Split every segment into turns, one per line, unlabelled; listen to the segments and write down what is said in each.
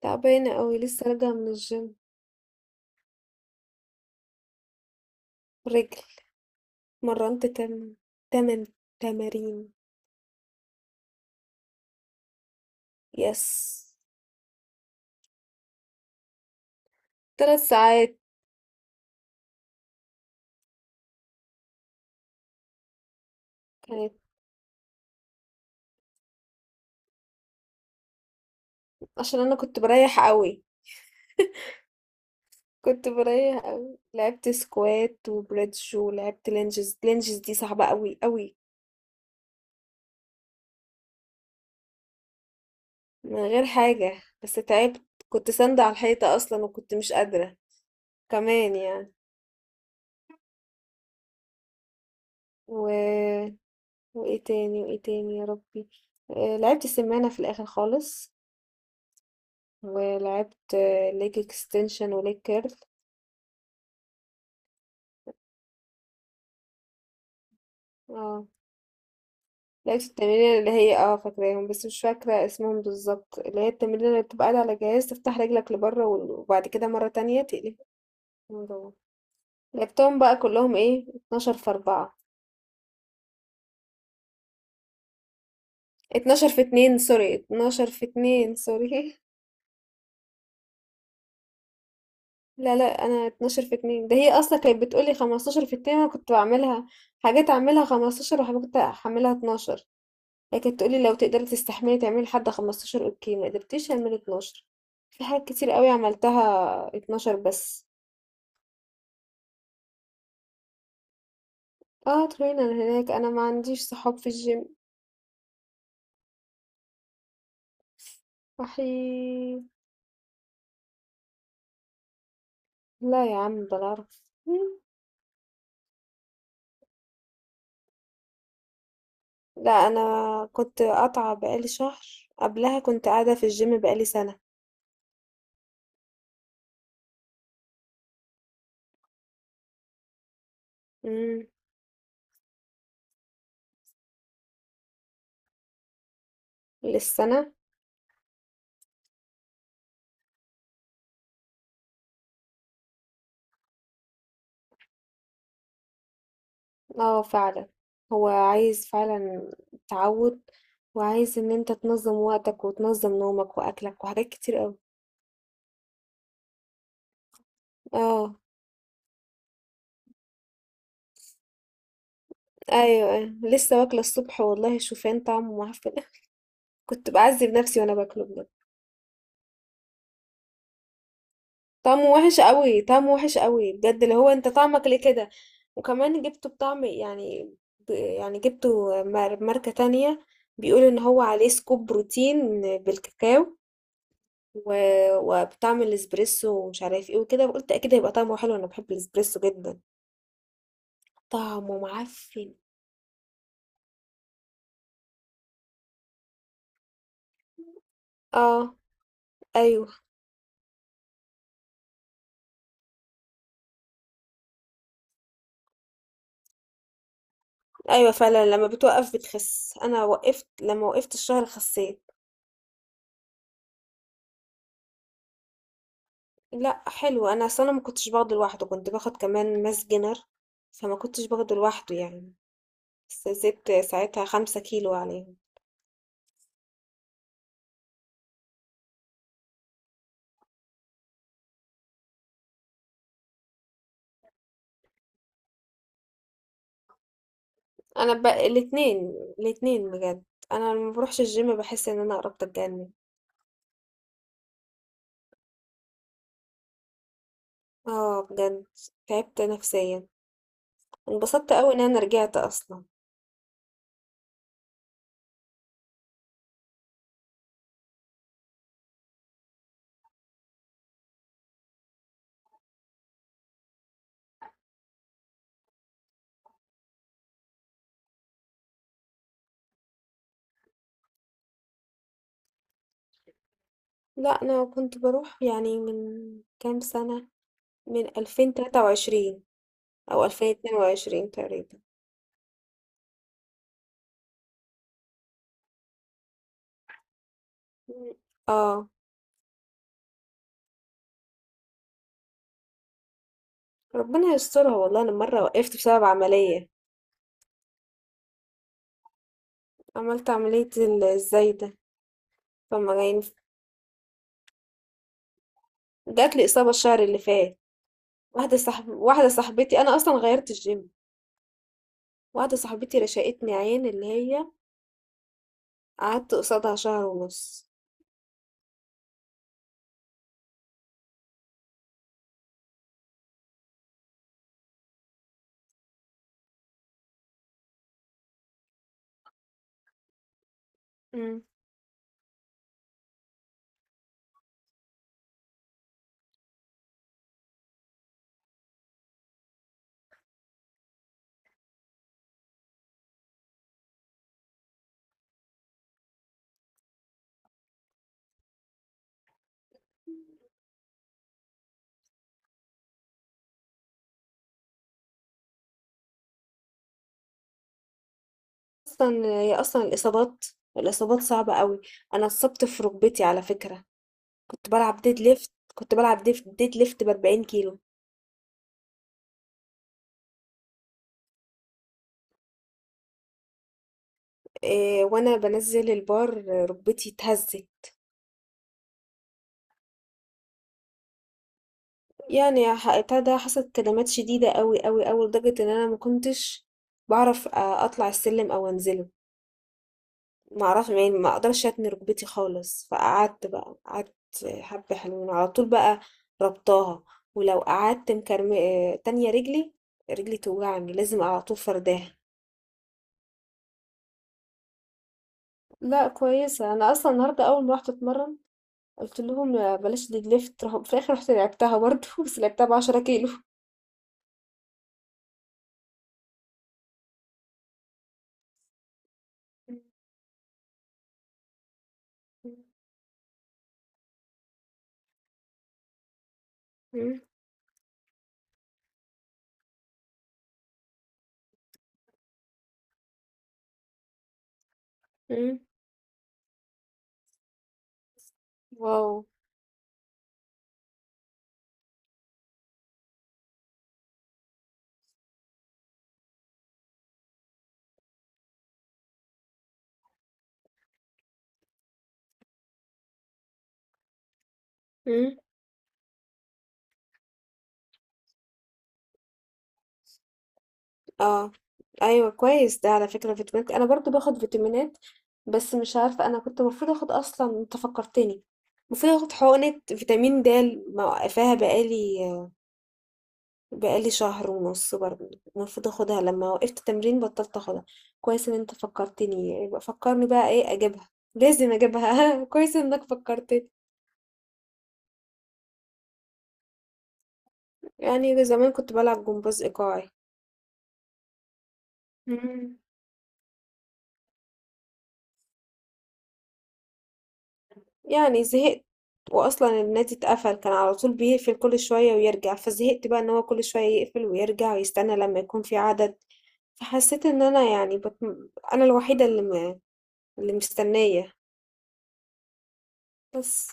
تعبانة أوي، لسه راجعة من الجيم. رجل. مرنت تمن تمارين. يس. 3 ساعات. كانت. عشان أنا كنت بريح أوي. كنت بريح أوي، لعبت سكوات وبريدج ولعبت لينجز. لينجز دي صعبة أوي أوي. من غير حاجة بس تعبت. كنت ساندة على الحيطة أصلا وكنت مش قادرة كمان يعني. و... وإيه تاني يا ربي. آه، لعبت سمانة في الآخر خالص. ولعبت ليج اكستنشن وليج كيرل. اه، لعبت التمرين اللي هي فاكراهم، بس مش فاكرة اسمهم بالظبط، اللي هي التمرين اللي بتبقى قاعد على جهاز تفتح رجلك لبره وبعد كده مرة تانية تقلب من جوه. لعبتهم بقى كلهم ايه، 12 في 4. 12 في 2 سوري، 12 في 2 سوري. لا لا، انا 12 في 2. ده هي اصلا كانت بتقولي 15 في 2. انا كنت بعملها حاجات اعملها 15 وحاجات احملها 12. هي كانت تقولي لو تقدري تستحملي تعملي لحد 15. اوكي، ما قدرتيش اعمل 12. في حاجات كتير قوي عملتها 12 بس. اه، ترينر هناك. انا ما عنديش صحاب في الجيم. وحيد. لا يا عم، بعرف. لا، انا كنت قاطعة بقالي شهر. قبلها كنت قاعدة في الجيم بقالي سنة. امم. للسنة. اه فعلا، هو عايز فعلا تعود. وعايز ان انت تنظم وقتك وتنظم نومك واكلك وحاجات كتير قوي. اه. ايوه ايوه، لسه واكله الصبح. والله شوفان طعمه معفن. كنت بعذب نفسي وانا باكله بجد. طعمه وحش قوي، طعمه وحش قوي بجد، اللي هو انت طعمك ليه كده؟ وكمان جبته بطعم يعني، يعني جبته ماركة تانية. بيقول ان هو عليه سكوب بروتين بالكاكاو و... وبطعم الاسبريسو ومش عارف ايه وكده. قلت اكيد هيبقى طعمه حلو، انا بحب الاسبريسو جدا. طعمه معفن. اه. ايوه ايوه فعلا، لما بتوقف بتخس. انا وقفت، لما وقفت الشهر خسيت. لأ حلو، أنا أصل أنا ما كنتش باخده لوحده، كنت باخد كمان ماس جينر. فما كنتش باخده لوحده يعني. بس زدت ساعتها 5 كيلو عليهم. أنا ب الاتنين، الاتنين بجد. أنا لما باروحش الجيم باحس إن أنا قربت أتجنن. اه بجد، تعبت نفسيا. انبسطت أوي إن أنا رجعت أصلا. لأ أنا كنت بروح يعني من كام سنة، من 2023 أو 2022 تقريبا. اه. ربنا يسترها والله، أنا مرة وقفت بسبب عملية. عملت عملية ازاي ده. طب ما يعني، جات لي إصابة الشهر اللي فات. واحدة صاحبتي. أنا أصلا غيرت الجيم. واحدة صاحبتي رشقتني عين، اللي هي قعدت قصادها شهر ونص. امم. أصلا هي أصلا الإصابات، الإصابات صعبة قوي. أنا اتصبت في ركبتي على فكرة. كنت بلعب ديد ليفت، كنت بلعب ديد ليفت ب40 كيلو. إيه وأنا بنزل البار، ركبتي اتهزت. يعني بتاع ده، حصلت كدمات شديدة أوي، أوي، أوي، لدرجة إن أنا ما كنتش باعرف أطلع السلم أو أنزله. ما أعرفش يعني، ما أقدرش أتني ركبتي خالص. فقعدت بقى، قعدت حبة حلوين، على طول بقى رابطاها. ولو قعدت مكرم تانية رجلي، رجلي توجعني، لازم على طول فرداها. لأ كويسة. أنا أصلًا النهارده أول ما رُحت أتمرن قُلت لهم آه، بلاش leg lift. راحوا في الآخر رُحت لعبتها برضه، بس لعبتها ب10 كيلو. إمم، إمم، إمم. واو! إمم. اه ايوه كويس، ده على فكرة فيتامينات، انا برضو باخد فيتامينات. بس مش عارفة، انا كنت المفروض اخد اصلا، انت فكرتني. المفروض اخد حقنة فيتامين د. موقفاها بقالي، بقالي شهر ونص برضو. المفروض اخدها، لما وقفت تمرين بطلت اخدها. كويس ان انت فكرتني، يبقى فكرني بقى ايه اجيبها. لازم اجيبها. كويس انك فكرتني. يعني زمان كنت بلعب جمباز ايقاعي. مم. يعني زهقت، واصلا النادي اتقفل، كان على طول بيقفل كل شوية ويرجع. فزهقت بقى ان هو كل شوية يقفل ويرجع ويستنى لما يكون في عدد. فحسيت ان انا يعني انا الوحيدة اللي اللي مستنية بس.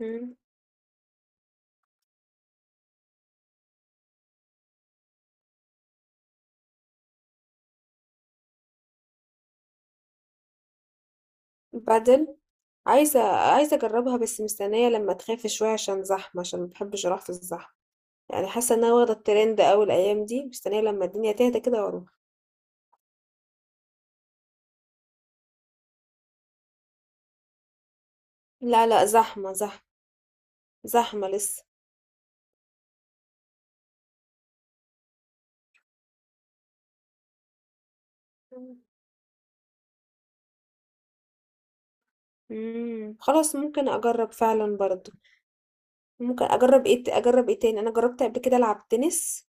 مم. بعدين. عايزة عايزة اجربها، بس مستنية لما تخاف شوية عشان زحمة، عشان ما بحبش اروح في الزحمة. يعني حاسة ان انا واخدة الترند اوي الايام دي، مستنية لما الدنيا تهدى كده واروح. لا لا، زحمة، زحمة زحمة لسه. مم. خلاص، ممكن اجرب فعلا برضو. ممكن اجرب ايه، اجرب ايه تاني؟ انا جربت قبل كده العب تنس.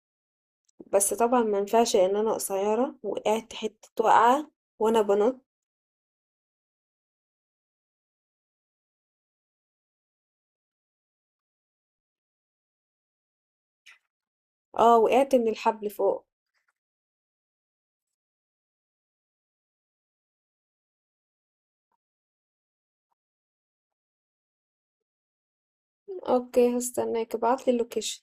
بس طبعا ما ينفعش ان انا قصيره، وقعت حته وقعه وانا بنط. اه، وقعت من الحبل فوق. اوكي، هستناك، ابعتلي اللوكيشن.